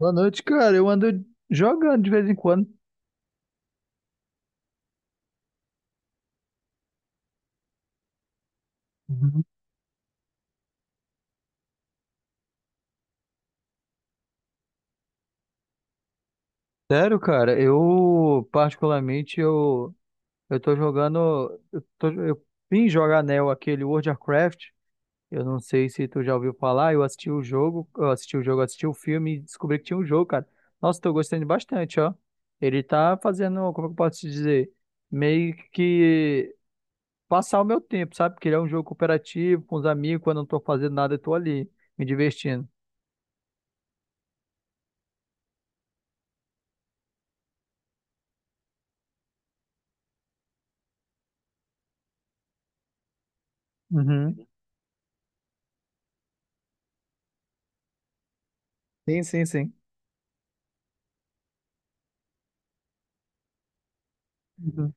Boa noite, cara. Eu ando jogando de vez em quando. Uhum. Sério, cara, eu particularmente eu tô jogando, eu vim jogar, né, aquele World of Warcraft. Eu não sei se tu já ouviu falar, eu assisti o filme e descobri que tinha um jogo, cara. Nossa, tô gostando bastante, ó. Ele tá fazendo, como é que eu posso te dizer, meio que passar o meu tempo, sabe? Porque ele é um jogo cooperativo com os amigos, quando eu não tô fazendo nada, eu tô ali me divertindo. Uhum. Sim, sim, sim. Uhum.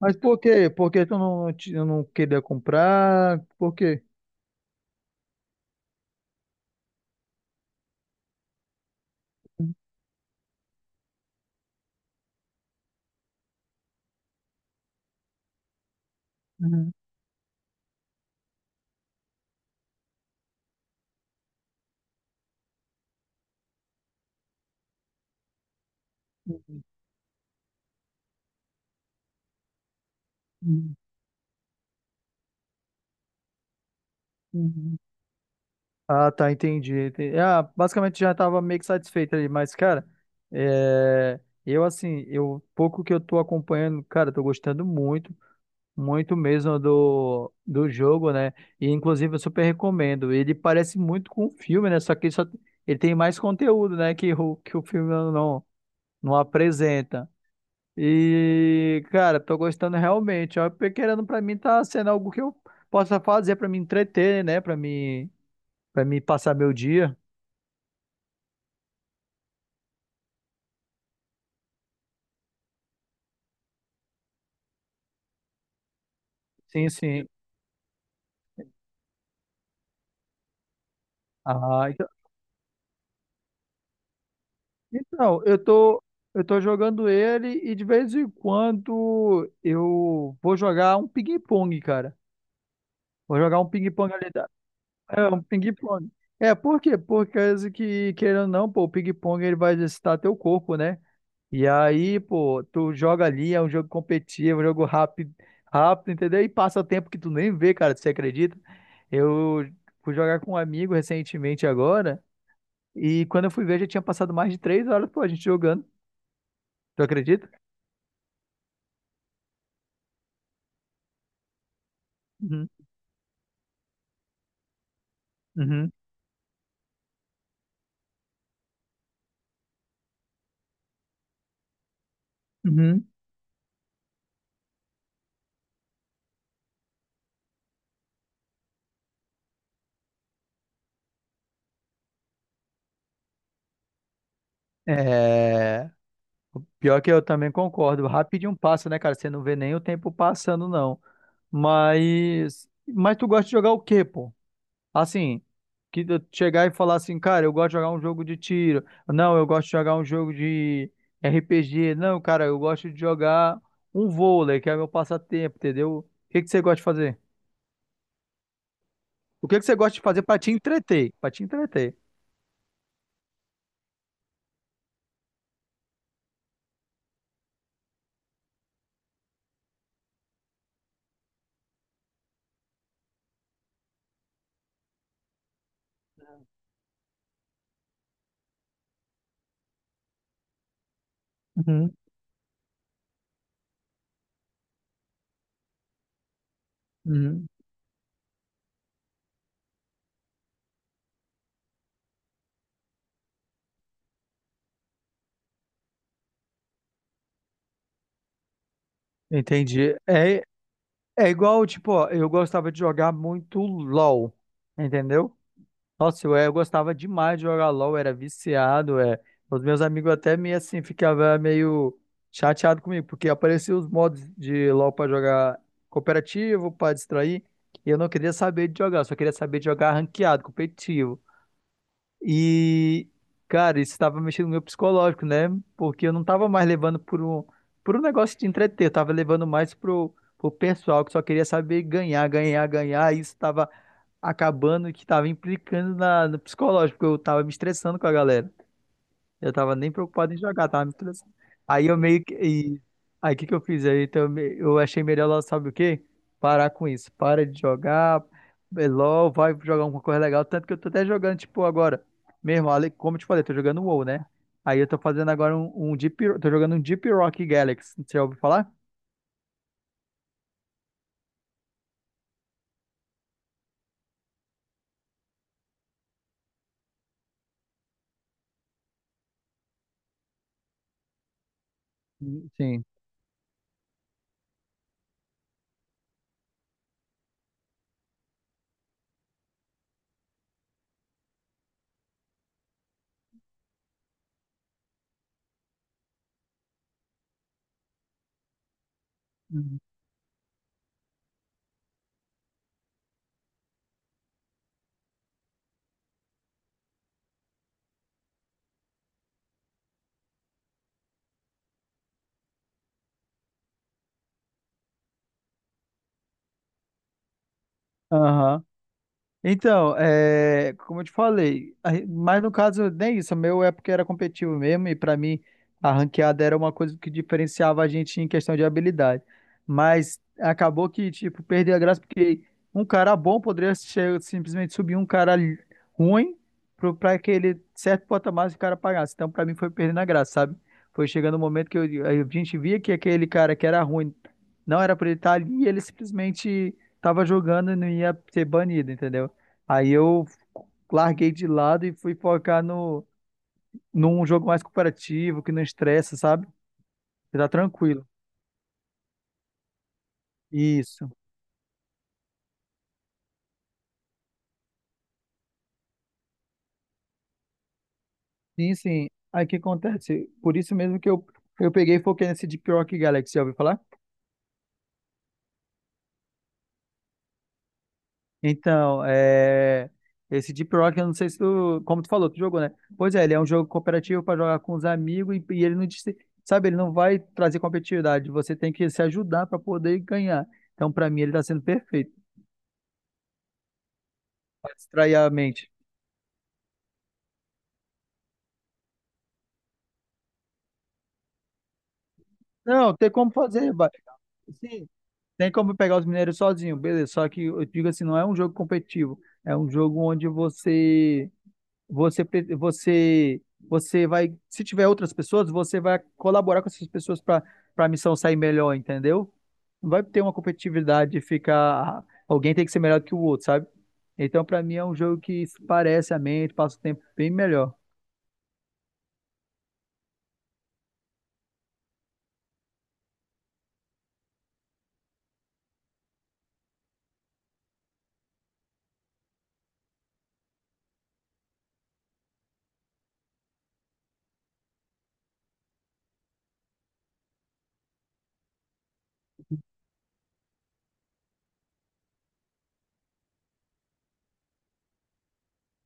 Mas por quê? Por que tu não queria comprar? Por quê? Uhum. Uhum. Uhum. Uhum. Ah, tá, entendi. Entendi. Ah, basicamente já tava meio que satisfeito ali, mas, cara, é, eu assim, eu pouco que eu tô acompanhando, cara, tô gostando muito, muito mesmo do jogo, né? E inclusive eu super recomendo. Ele parece muito com o filme, né? Só que ele só, ele tem mais conteúdo, né? Que o filme não apresenta. E, cara, tô gostando realmente. Ó, porque querendo pra mim tá sendo algo que eu possa fazer pra me entreter, né? Para me passar meu dia. Sim, sim. Ah, então, então, eu tô jogando ele e de vez em quando eu vou jogar um ping-pong, cara. Vou jogar um ping-pong ali. É, um ping-pong. É, por quê? Porque querendo ou não, pô, o ping-pong ele vai exercitar teu corpo, né? E aí, pô, tu joga ali, é um jogo competitivo, um jogo rápido, rápido, entendeu? E passa tempo que tu nem vê, cara, você acredita? Eu fui jogar com um amigo recentemente agora, e quando eu fui ver, já tinha passado mais de três horas, pô, a gente jogando. Tu acredita? Uhum, uhum, uhum. É... Pior que eu também concordo. Rapidinho passa, né, cara? Você não vê nem o tempo passando, não. Mas... Mas tu gosta de jogar o quê, pô? Assim, que eu chegar e falar assim, cara, eu gosto de jogar um jogo de tiro. Não, eu gosto de jogar um jogo de RPG. Não, cara, eu gosto de jogar um vôlei, que é meu passatempo, entendeu? O que que você gosta de fazer? O que que você gosta de fazer pra te entreter? Pra te entreter. Uhum, uhum. Entendi. É, é igual, tipo, ó, eu gostava de jogar muito LOL, entendeu? Nossa, eu gostava demais de jogar LOL, era viciado, é. Os meus amigos até meio assim ficavam meio chateado comigo, porque apareciam os modos de LOL pra jogar cooperativo, pra distrair, e eu não queria saber de jogar, eu só queria saber de jogar ranqueado, competitivo. E, cara, isso estava mexendo no meu psicológico, né? Porque eu não tava mais levando por um negócio de entreter, eu tava levando pro pessoal que só queria saber ganhar, ganhar, ganhar, e isso estava acabando que tava implicando no psicológico, porque eu tava me estressando com a galera. Eu tava nem preocupado em jogar, tava me estressando. Aí eu meio que. Aí o que que eu fiz? Aí então, eu achei melhor, lá, sabe o quê? Parar com isso. Para de jogar. É LOL, vai jogar alguma coisa legal. Tanto que eu tô até jogando, tipo, agora. Mesmo, como eu te falei, eu tô jogando WoW, né? Aí eu tô fazendo agora um Deep. Tô jogando um Deep Rock Galaxy. Você já ouviu falar? Sim. Uhum. Aham. Então, é, como eu te falei, mas no caso nem isso, o meu é porque era competitivo mesmo e pra mim a ranqueada era uma coisa que diferenciava a gente em questão de habilidade. Mas acabou que, tipo, perdeu a graça porque um cara bom poderia simplesmente subir um cara ruim pra aquele certo patamar que o cara pagasse. Então, pra mim foi perdendo a graça, sabe? Foi chegando o momento que a gente via que aquele cara que era ruim não era pra ele estar ali e ele simplesmente tava jogando e não ia ser banido, entendeu? Aí eu larguei de lado e fui focar no, num jogo mais cooperativo, que não estressa, sabe? Que tá tranquilo. Isso. Sim, sim. Aí o que acontece? Por isso mesmo que eu peguei e foquei nesse Deep Rock Galaxy, já ouviu falar? Então, é... esse Deep Rock, eu não sei se tu, como tu falou, tu jogou, né? Pois é, ele é um jogo cooperativo para jogar com os amigos e ele não, sabe, ele não vai trazer competitividade, você tem que se ajudar para poder ganhar. Então, para mim, ele tá sendo perfeito, para distrair a mente. Não, tem como fazer. Sim, tem como pegar os mineiros sozinho, beleza. Só que eu digo assim, não é um jogo competitivo, é um jogo onde você você vai, se tiver outras pessoas, você vai colaborar com essas pessoas para a missão sair melhor, entendeu? Não vai ter uma competitividade de ficar alguém tem que ser melhor do que o outro, sabe? Então, para mim é um jogo que parece a mente, passa o tempo bem melhor.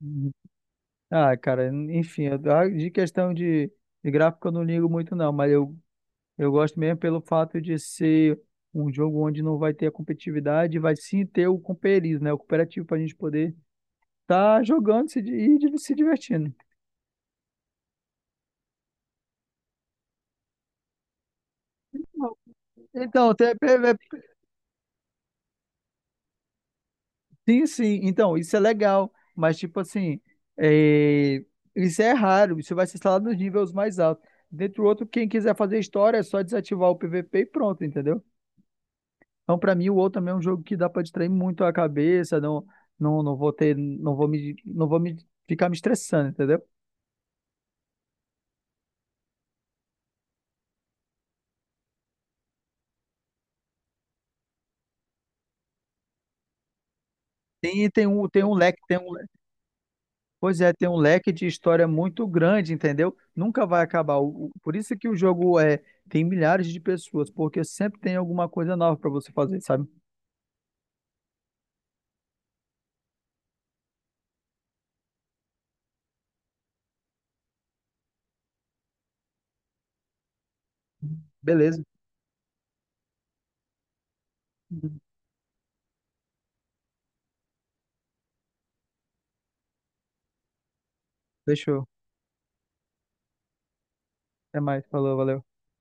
Uhum. Ah, cara, enfim, ah, de questão de gráfico eu não ligo muito não, mas eu gosto mesmo pelo fato de ser um jogo onde não vai ter a competitividade, vai sim ter o companheirismo, né? O cooperativo para a gente poder estar jogando se di- e di- se divertindo. Então, sim, sim. Então, isso é legal, mas tipo assim, é, isso é raro. Isso vai ser instalado nos níveis mais altos. Dentro do outro, quem quiser fazer história é só desativar o PVP e pronto, entendeu? Então, para mim, o outro também é um jogo que dá para distrair muito a cabeça. Não, não, não vou ter, não vou me ficar me estressando, entendeu? Tem, tem um leque, tem um, le- pois é, tem um leque de história muito grande, entendeu? Nunca vai acabar. Por isso que o jogo é, tem milhares de pessoas, porque sempre tem alguma coisa nova para você fazer, sabe? Beleza. Uhum. Fechou. Até mais. Falou, valeu.